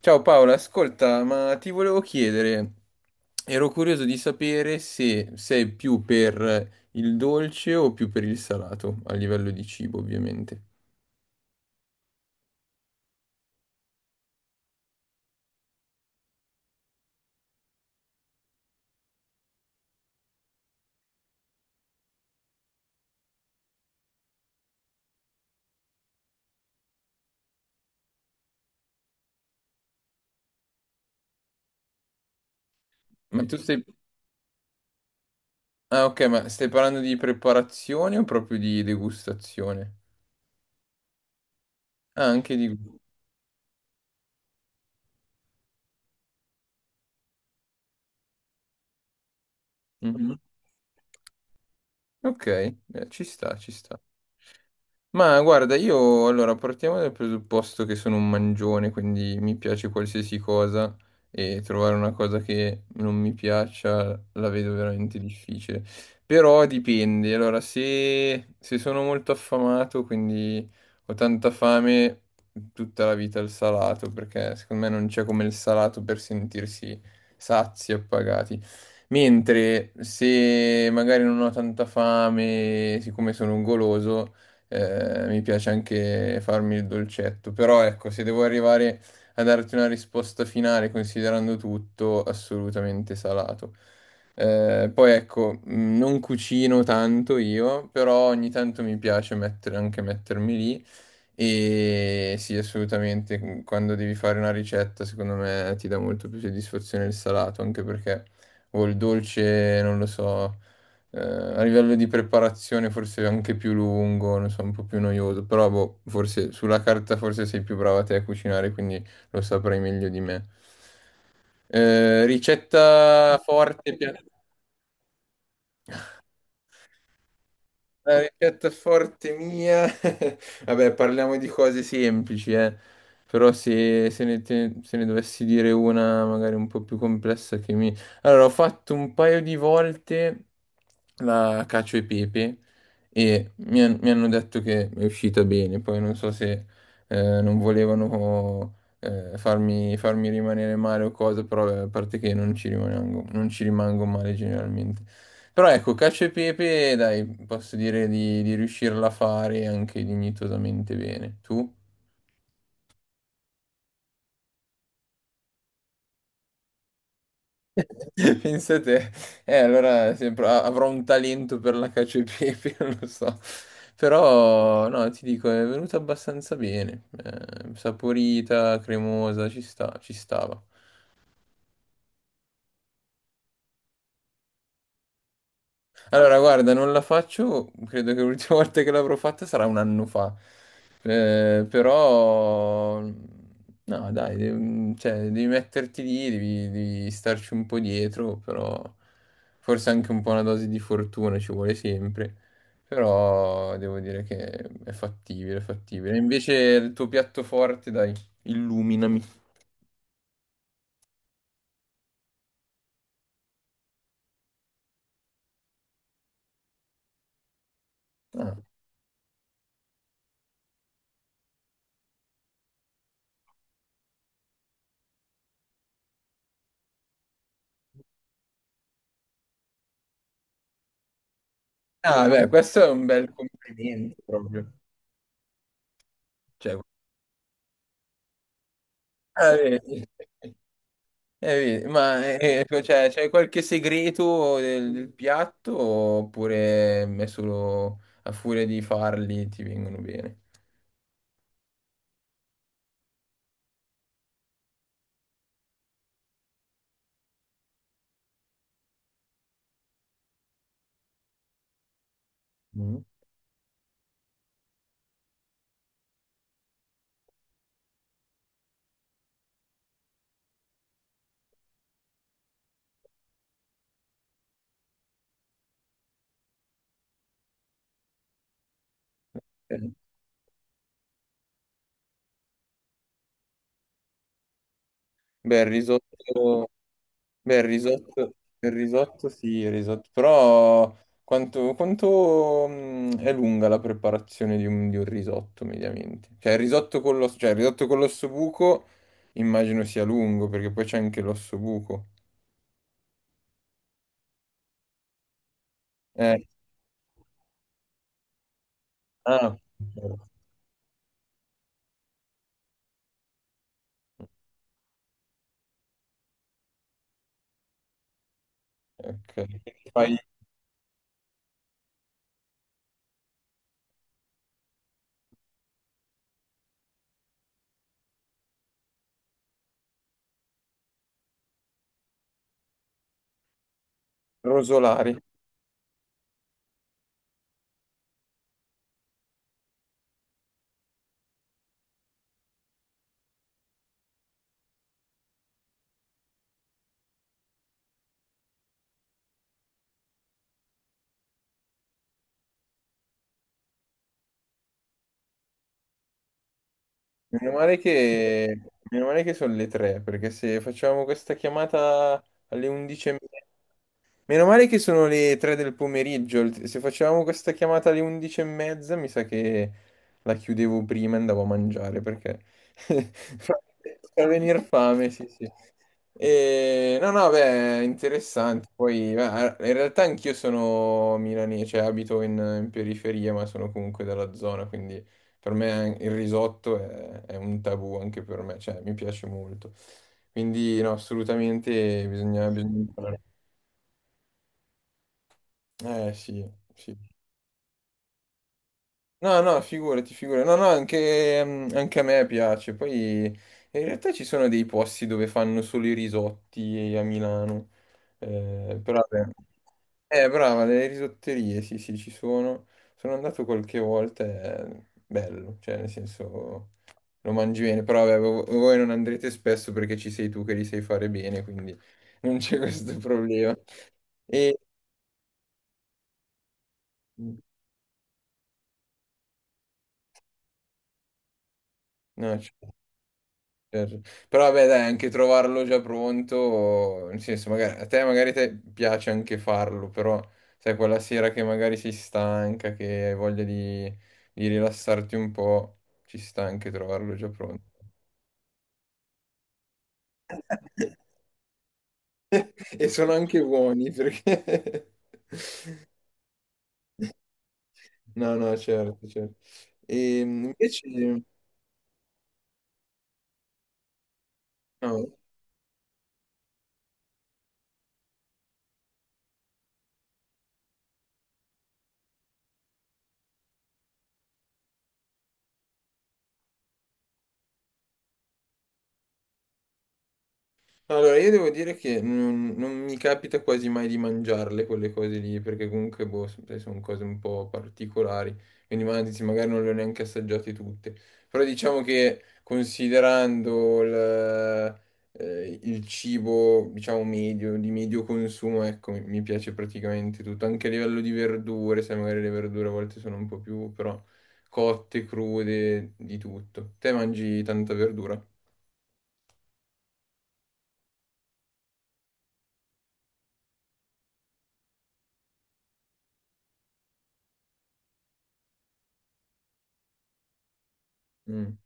Ciao Paola, ascolta, ma ti volevo chiedere, ero curioso di sapere se sei più per il dolce o più per il salato, a livello di cibo, ovviamente. Ma tu stai... Ok, ma stai parlando di preparazione o proprio di degustazione? Ah, anche di... Mhm. Ok, ci sta, ci sta. Ma guarda, io allora partiamo dal presupposto che sono un mangione, quindi mi piace qualsiasi cosa e trovare una cosa che non mi piaccia la vedo veramente difficile. Però dipende, allora se sono molto affamato, quindi ho tanta fame tutta la vita il salato, perché secondo me non c'è come il salato per sentirsi sazi e appagati. Mentre se magari non ho tanta fame, siccome sono un goloso mi piace anche farmi il dolcetto, però ecco, se devo arrivare a darti una risposta finale considerando tutto, assolutamente salato. Poi ecco, non cucino tanto io, però ogni tanto mi piace anche mettermi lì e sì, assolutamente, quando devi fare una ricetta, secondo me ti dà molto più soddisfazione il salato, anche perché o il dolce, non lo so, a livello di preparazione forse è anche più lungo, non so, un po' più noioso, però boh, forse sulla carta forse sei più brava te a cucinare, quindi lo saprai meglio di me. Ricetta forte, piatto. La ricetta forte mia. Vabbè, parliamo di cose semplici, eh. Però se ne dovessi dire una magari un po' più complessa che mi... Allora, ho fatto un paio di volte la cacio e pepe e mi hanno detto che è uscita bene. Poi non so se non volevano farmi rimanere male o cose, però a parte che non ci rimango, non ci rimango male generalmente. Però ecco, cacio e pepe, dai, posso dire di riuscirla a fare anche dignitosamente bene. Tu? Pensa te, allora avrò un talento per la cacio e pepe, non lo so. Però, no, ti dico, è venuta abbastanza bene. Saporita, cremosa, ci sta, ci stava. Allora, guarda, non la faccio, credo che l'ultima volta che l'avrò fatta sarà un anno fa. Però, no, dai, cioè, devi metterti lì, devi starci un po' dietro, però forse anche un po' una dose di fortuna ci vuole sempre. Però devo dire che è fattibile, è fattibile. Invece il tuo piatto forte, dai, illuminami. Ah, Ah, beh, questo è un bel complimento proprio. Cioè, ah, vedi. Vedi, ma cioè, c'è qualche segreto del piatto oppure è solo a furia di farli ti vengono bene? Mm. Beh, il risotto, beh, il risotto sì, Il risotto, però quanto è lunga la preparazione di di un risotto mediamente? Cioè il risotto con l'osso buco immagino sia lungo perché poi c'è anche l'osso buco. Eh, ah, ok, quindi fai rosolari. Meno male che, Meno male che sono le tre, perché se facciamo questa chiamata alle 11:30. Meno male che sono le 3 del pomeriggio. Se facevamo questa chiamata alle 11 e mezza, mi sa che la chiudevo prima e andavo a mangiare perché fa fa venire fame, sì, sì. E... No, no, beh, interessante. Poi, beh, in realtà anch'io sono milanese, cioè in periferia, ma sono comunque dalla zona, quindi per me il risotto è un tabù anche per me, cioè mi piace molto. Quindi, no, assolutamente bisogna... imparare. Eh sì, sì. No, no, figurati, figurati. No, no, anche, anche a me piace. Poi in realtà ci sono dei posti dove fanno solo i risotti a Milano. Però vabbè. Brava, le risotterie, sì, sì, ci sono. Sono andato qualche volta, è bello, cioè nel senso lo mangi bene, però vabbè, voi non andrete spesso perché ci sei tu che li sai fare bene, quindi non c'è questo problema. E... No, c'è. Certo. Però vabbè, dai, anche trovarlo già pronto, nel senso, magari, a te magari te piace anche farlo, però sai, quella sera che magari sei stanca, che hai voglia di rilassarti un po', ci sta anche trovarlo già pronto. E sono anche buoni perché... No, no, certo, certo. E invece... no. Allora, io devo dire che non mi capita quasi mai di mangiarle quelle cose lì, perché comunque, boh, sai, sono cose un po' particolari, quindi anzi, magari non le ho neanche assaggiate tutte. Però diciamo che considerando il cibo, diciamo, medio, di medio consumo, ecco, mi piace praticamente tutto, anche a livello di verdure, sai, magari le verdure a volte sono un po' più, però, cotte, crude, di tutto. Te mangi tanta verdura? Mm.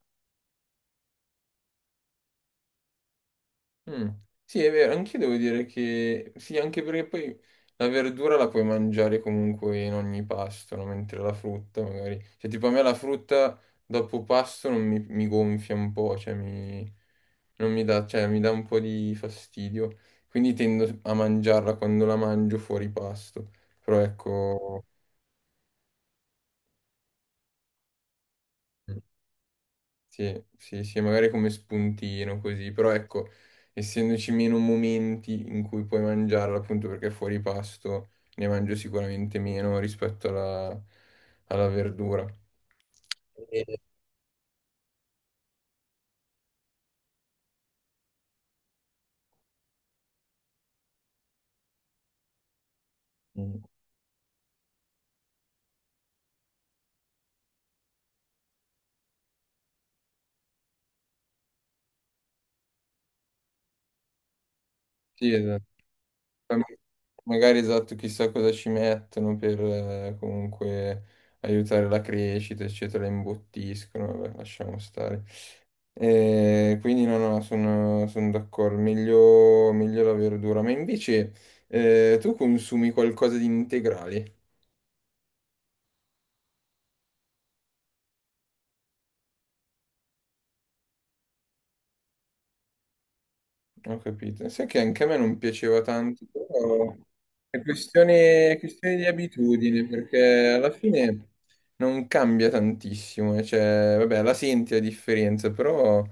Mm. Sì, è vero, anche io devo dire che sì, anche perché poi la verdura la puoi mangiare comunque in ogni pasto, no? Mentre la frutta magari, cioè tipo a me la frutta dopo pasto non mi gonfia un po', cioè non mi dà, cioè, mi dà un po' di fastidio, quindi tendo a mangiarla quando la mangio fuori pasto, però ecco, sì, sì, sì, magari come spuntino così, però ecco, essendoci meno momenti in cui puoi mangiarla, appunto perché fuori pasto ne mangio sicuramente meno rispetto alla verdura. E- mm. Sì, esatto. Ma... magari esatto, chissà cosa ci mettono per comunque aiutare la crescita, eccetera, la imbottiscono, vabbè, lasciamo stare. Quindi no, no, sono d'accordo, meglio, meglio la verdura. Ma invece tu consumi qualcosa di integrale? Ho capito. Sai che anche a me non piaceva tanto, però è è questione di abitudine, perché alla fine non cambia tantissimo. Cioè, vabbè, la senti la differenza, però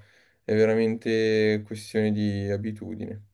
è veramente questione di abitudine.